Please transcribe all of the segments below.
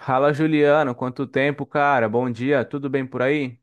Fala, Juliano, quanto tempo, cara? Bom dia, tudo bem por aí?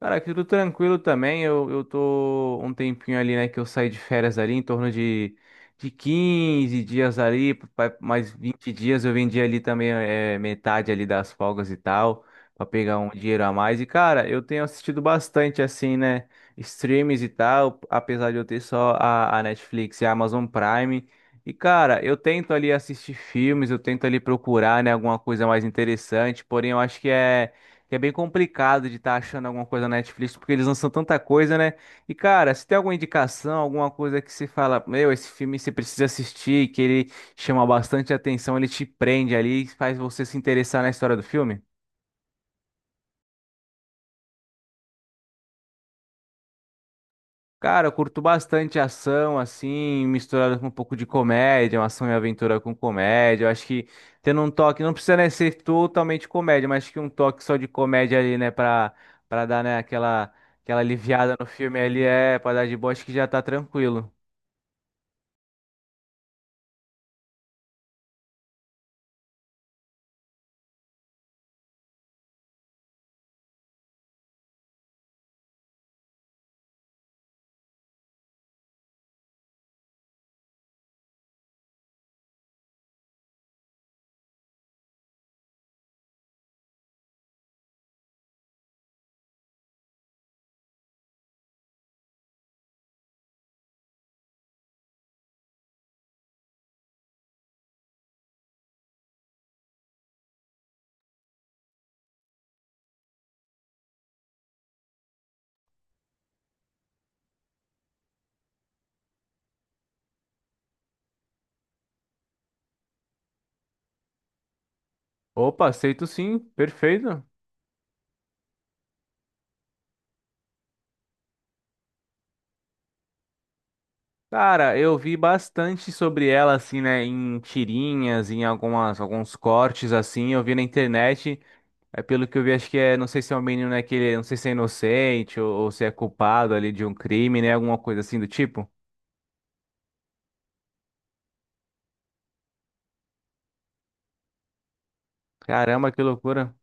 Cara, aqui tudo tranquilo também. Eu tô um tempinho ali, né? Que eu saí de férias ali, em torno de 15 dias ali, mais 20 dias. Eu vendi ali também é, metade ali das folgas e tal, pra pegar um dinheiro a mais. E, cara, eu tenho assistido bastante, assim, né? Streams e tal, apesar de eu ter só a Netflix e a Amazon Prime. E, cara, eu tento ali assistir filmes, eu tento ali procurar, né? Alguma coisa mais interessante, porém eu acho que é bem complicado de estar achando alguma coisa na Netflix, porque eles lançam tanta coisa, né? E, cara, se tem alguma indicação, alguma coisa que você fala, meu, esse filme você precisa assistir, que ele chama bastante atenção, ele te prende ali e faz você se interessar na história do filme? Cara, eu curto bastante ação, assim, misturada com um pouco de comédia, uma ação e aventura com comédia. Eu acho que tendo um toque, não precisa, né, ser totalmente comédia, mas acho que um toque só de comédia ali, né, pra dar, né, aquela, aquela aliviada no filme ali, é, pra dar de boa, acho que já tá tranquilo. Opa, aceito sim, perfeito. Cara, eu vi bastante sobre ela, assim, né, em tirinhas, em algumas, alguns cortes, assim, eu vi na internet. É pelo que eu vi, acho que é, não sei se é um menino, né, que não sei se é inocente ou se é culpado ali de um crime, né, alguma coisa assim do tipo. Caramba, que loucura.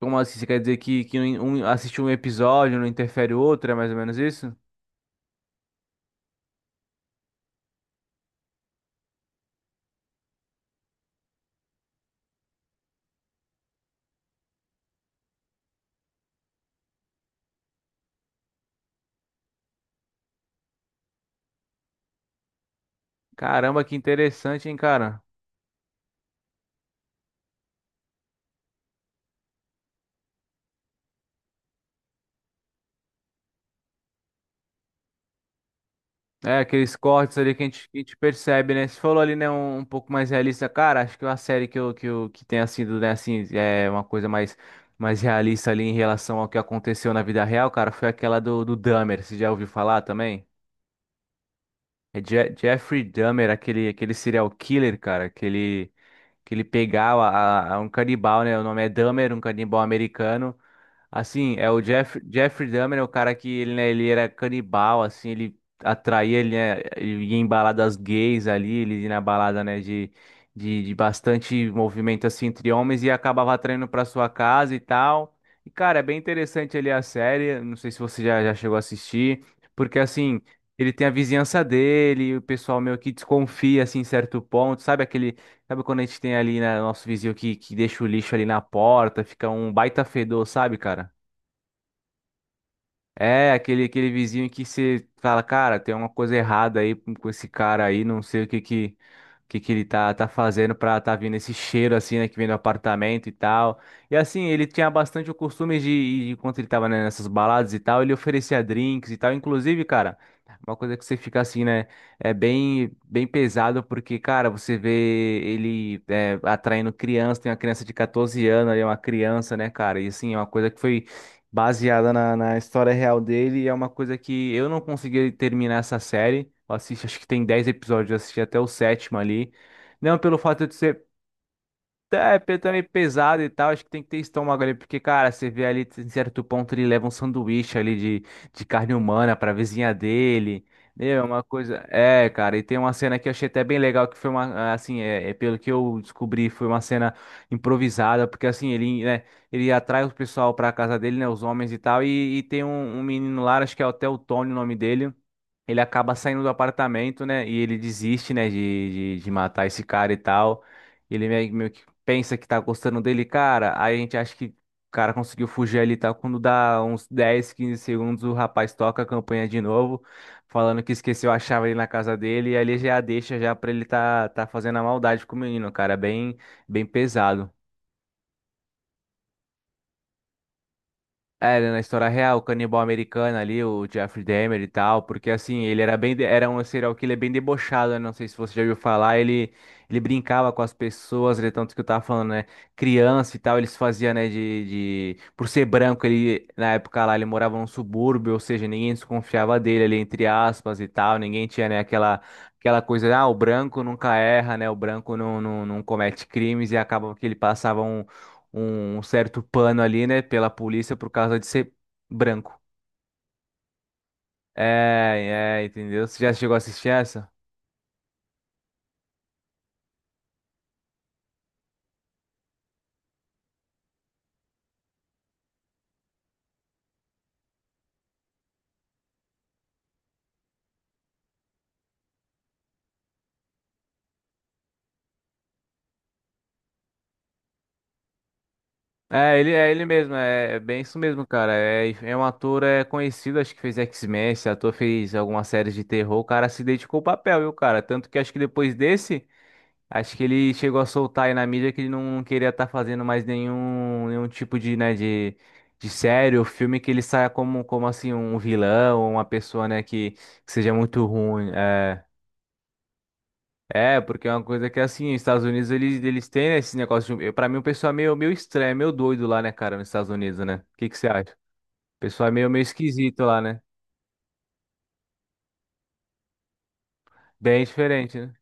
Como assim, você quer dizer que, assistir um episódio não interfere o outro, é mais ou menos isso? Caramba, que interessante, hein, cara. É, aqueles cortes ali que a gente percebe, né? Você falou ali, né, um pouco mais realista. Cara, acho que uma série que tenha sido, né, assim, é uma coisa mais, mais realista ali em relação ao que aconteceu na vida real, cara, foi aquela do Dahmer. Você já ouviu falar também? É Jeffrey Dahmer, aquele, aquele serial killer, cara, que ele pegava um canibal, né? O nome é Dahmer, um canibal americano. Assim, é o Jeff, Jeffrey Dahmer, é o cara que ele, né, ele era canibal, assim, ele atraía, ele, né, ele ia em baladas gays ali, ele ia na balada, né, de bastante movimento, assim, entre homens e acabava atraindo pra sua casa e tal. E, cara, é bem interessante ali a série, não sei se você já, já chegou a assistir, porque, assim... Ele tem a vizinhança dele, o pessoal meio que desconfia assim em certo ponto, sabe aquele, sabe quando a gente tem ali, né, nosso vizinho que deixa o lixo ali na porta, fica um baita fedor, sabe, cara? É, aquele, aquele vizinho que você fala, cara, tem uma coisa errada aí com esse cara aí, não sei o que que ele tá, tá fazendo pra tá vindo esse cheiro assim, né, que vem do apartamento e tal. E assim, ele tinha bastante o costume de quando ele tava, né, nessas baladas e tal, ele oferecia drinks e tal. Inclusive, cara, uma coisa que você fica assim, né, é bem, bem pesado, porque, cara, você vê atraindo criança, tem uma criança de 14 anos ali, uma criança, né, cara, e assim, é uma coisa que foi baseada na, na história real dele, e é uma coisa que eu não consegui terminar essa série. Eu assisti, acho que tem 10 episódios, eu assisti até o sétimo ali. Não pelo fato de ser é, pe- Também é pesado e tal, acho que tem que ter estômago ali, porque, cara, você vê ali, em certo ponto, ele leva um sanduíche ali de carne humana pra vizinha dele, meu, é uma coisa... É, cara, e tem uma cena que eu achei até bem legal, que foi uma, assim, é, é pelo que eu descobri, foi uma cena improvisada, porque, assim, ele, né, ele atrai o pessoal pra casa dele, né, os homens e tal, e tem um menino lá, acho que é até o Tony o nome dele, ele acaba saindo do apartamento, né? E ele desiste, né, de matar esse cara e tal. Ele meio, meio que pensa que tá gostando dele, cara. Aí a gente acha que o cara conseguiu fugir ali e tal. Quando dá uns 10, 15 segundos, o rapaz toca a campanha de novo, falando que esqueceu a chave ali na casa dele. E ali já deixa já pra ele tá, tá fazendo a maldade com o menino, cara. Bem, bem pesado. É, né, na história real, o canibal americano ali, o Jeffrey Dahmer e tal, porque assim, ele era bem, era um serial killer bem debochado, né? Não sei se você já ouviu falar, ele brincava com as pessoas, ele, tanto que eu tava falando, né? Criança e tal, eles faziam, né, Por ser branco, ele, na época lá, ele morava num subúrbio, ou seja, ninguém desconfiava dele ali, entre aspas e tal, ninguém tinha, né, aquela... Aquela coisa, ah, o branco nunca erra, né? O branco não comete crimes e acaba que ele passava um certo pano ali, né, pela polícia por causa de ser branco. É, é, entendeu? Você já chegou a assistir essa? É ele mesmo, é, é bem isso mesmo, cara. É, é um ator é conhecido, acho que fez X-Men, esse ator fez algumas séries de terror, o cara se dedicou ao papel, viu, cara? Tanto que acho que depois desse, acho que ele chegou a soltar aí na mídia que ele não queria estar fazendo mais nenhum, nenhum tipo de, né, de série ou filme que ele saia como, como assim, um vilão, uma pessoa, né, que seja muito ruim. É. É, porque é uma coisa que assim, os Estados Unidos eles, eles têm né, esse negócio de. Pra mim, o pessoal é meio, meio estranho, é meio doido lá, né, cara, nos Estados Unidos, né? O que que você acha? O pessoal é meio, meio esquisito lá, né? Bem diferente, né?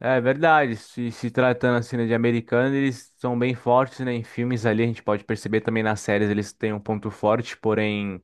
É verdade. Se tratando assim, né, de americano, eles são bem fortes, né? Em filmes ali, a gente pode perceber também nas séries eles têm um ponto forte, porém.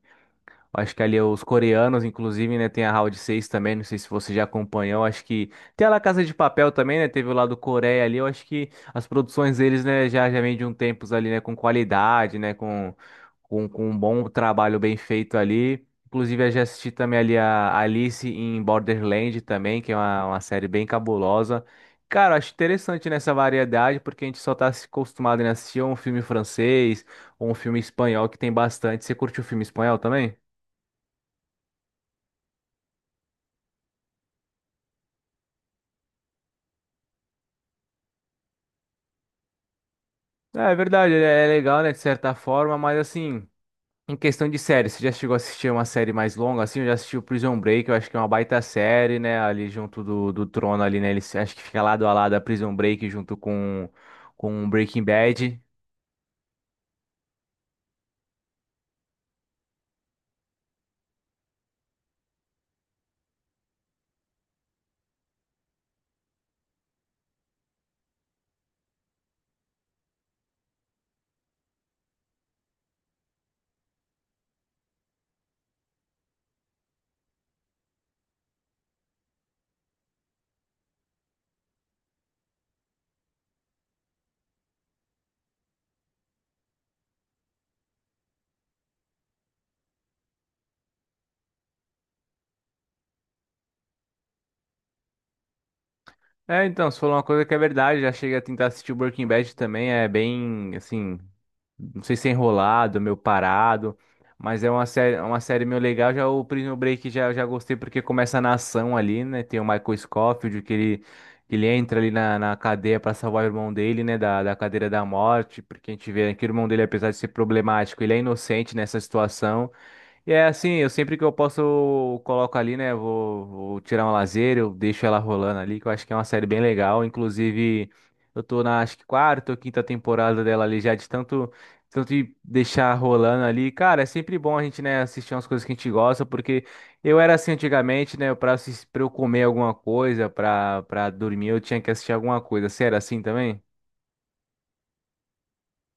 Acho que ali é os coreanos, inclusive, né, tem a Round Seis também, não sei se você já acompanhou, acho que tem a La Casa de Papel também, né, teve o lado Coreia ali, eu acho que as produções deles, né, já, já vem de um tempos ali, né, com qualidade, né, com, com um bom trabalho bem feito ali. Inclusive, eu já assisti também ali a Alice em Borderland também, que é uma série bem cabulosa. Cara, eu acho interessante nessa variedade, porque a gente só tá se acostumado, né, a assistir um filme francês ou um filme espanhol que tem bastante. Você curtiu o filme espanhol também? É é verdade, é é legal, né, de certa forma, mas assim, em questão de série, você já chegou a assistir uma série mais longa, assim, eu já assisti o Prison Break, eu acho que é uma baita série, né, ali junto do Trono ali, né, ele se- acho que fica lado a lado a Prison Break junto com Breaking Bad. É, então, você falou uma coisa que é verdade, já cheguei a tentar assistir o Breaking Bad também, é bem, assim, não sei se é enrolado, meio parado. Mas é uma série meio legal. Já o Prison Break já, já gostei porque começa na ação ali, né? Tem o Michael Scofield que ele entra ali na, na cadeia para salvar o irmão dele, né? Da cadeira da morte. Porque a gente vê que o irmão dele, apesar de ser problemático, ele é inocente nessa situação. E é assim, eu sempre que eu posso eu coloco ali, né? Vou, vou tirar um lazer, eu deixo ela rolando ali, que eu acho que é uma série bem legal. Inclusive, eu tô na acho que quarta ou quinta temporada dela ali já de tanto, tanto de deixar rolando ali. Cara, é sempre bom a gente, né, assistir umas coisas que a gente gosta, porque eu era assim antigamente, né? Pra, pra eu comer alguma coisa, pra dormir, eu tinha que assistir alguma coisa. Sério, assim também?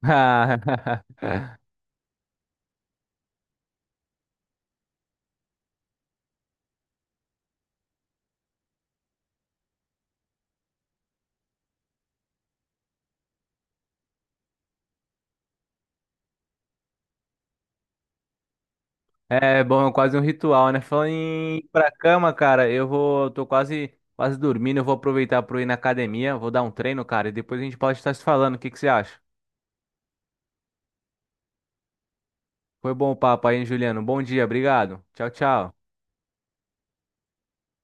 É bom, é quase um ritual, né? Falando em ir pra cama, cara, eu vou, tô quase, quase dormindo, eu vou aproveitar pra eu ir na academia, vou dar um treino, cara, e depois a gente pode estar se falando, o que que você acha? Foi bom o papo aí, hein, Juliano? Bom dia, obrigado. Tchau, tchau.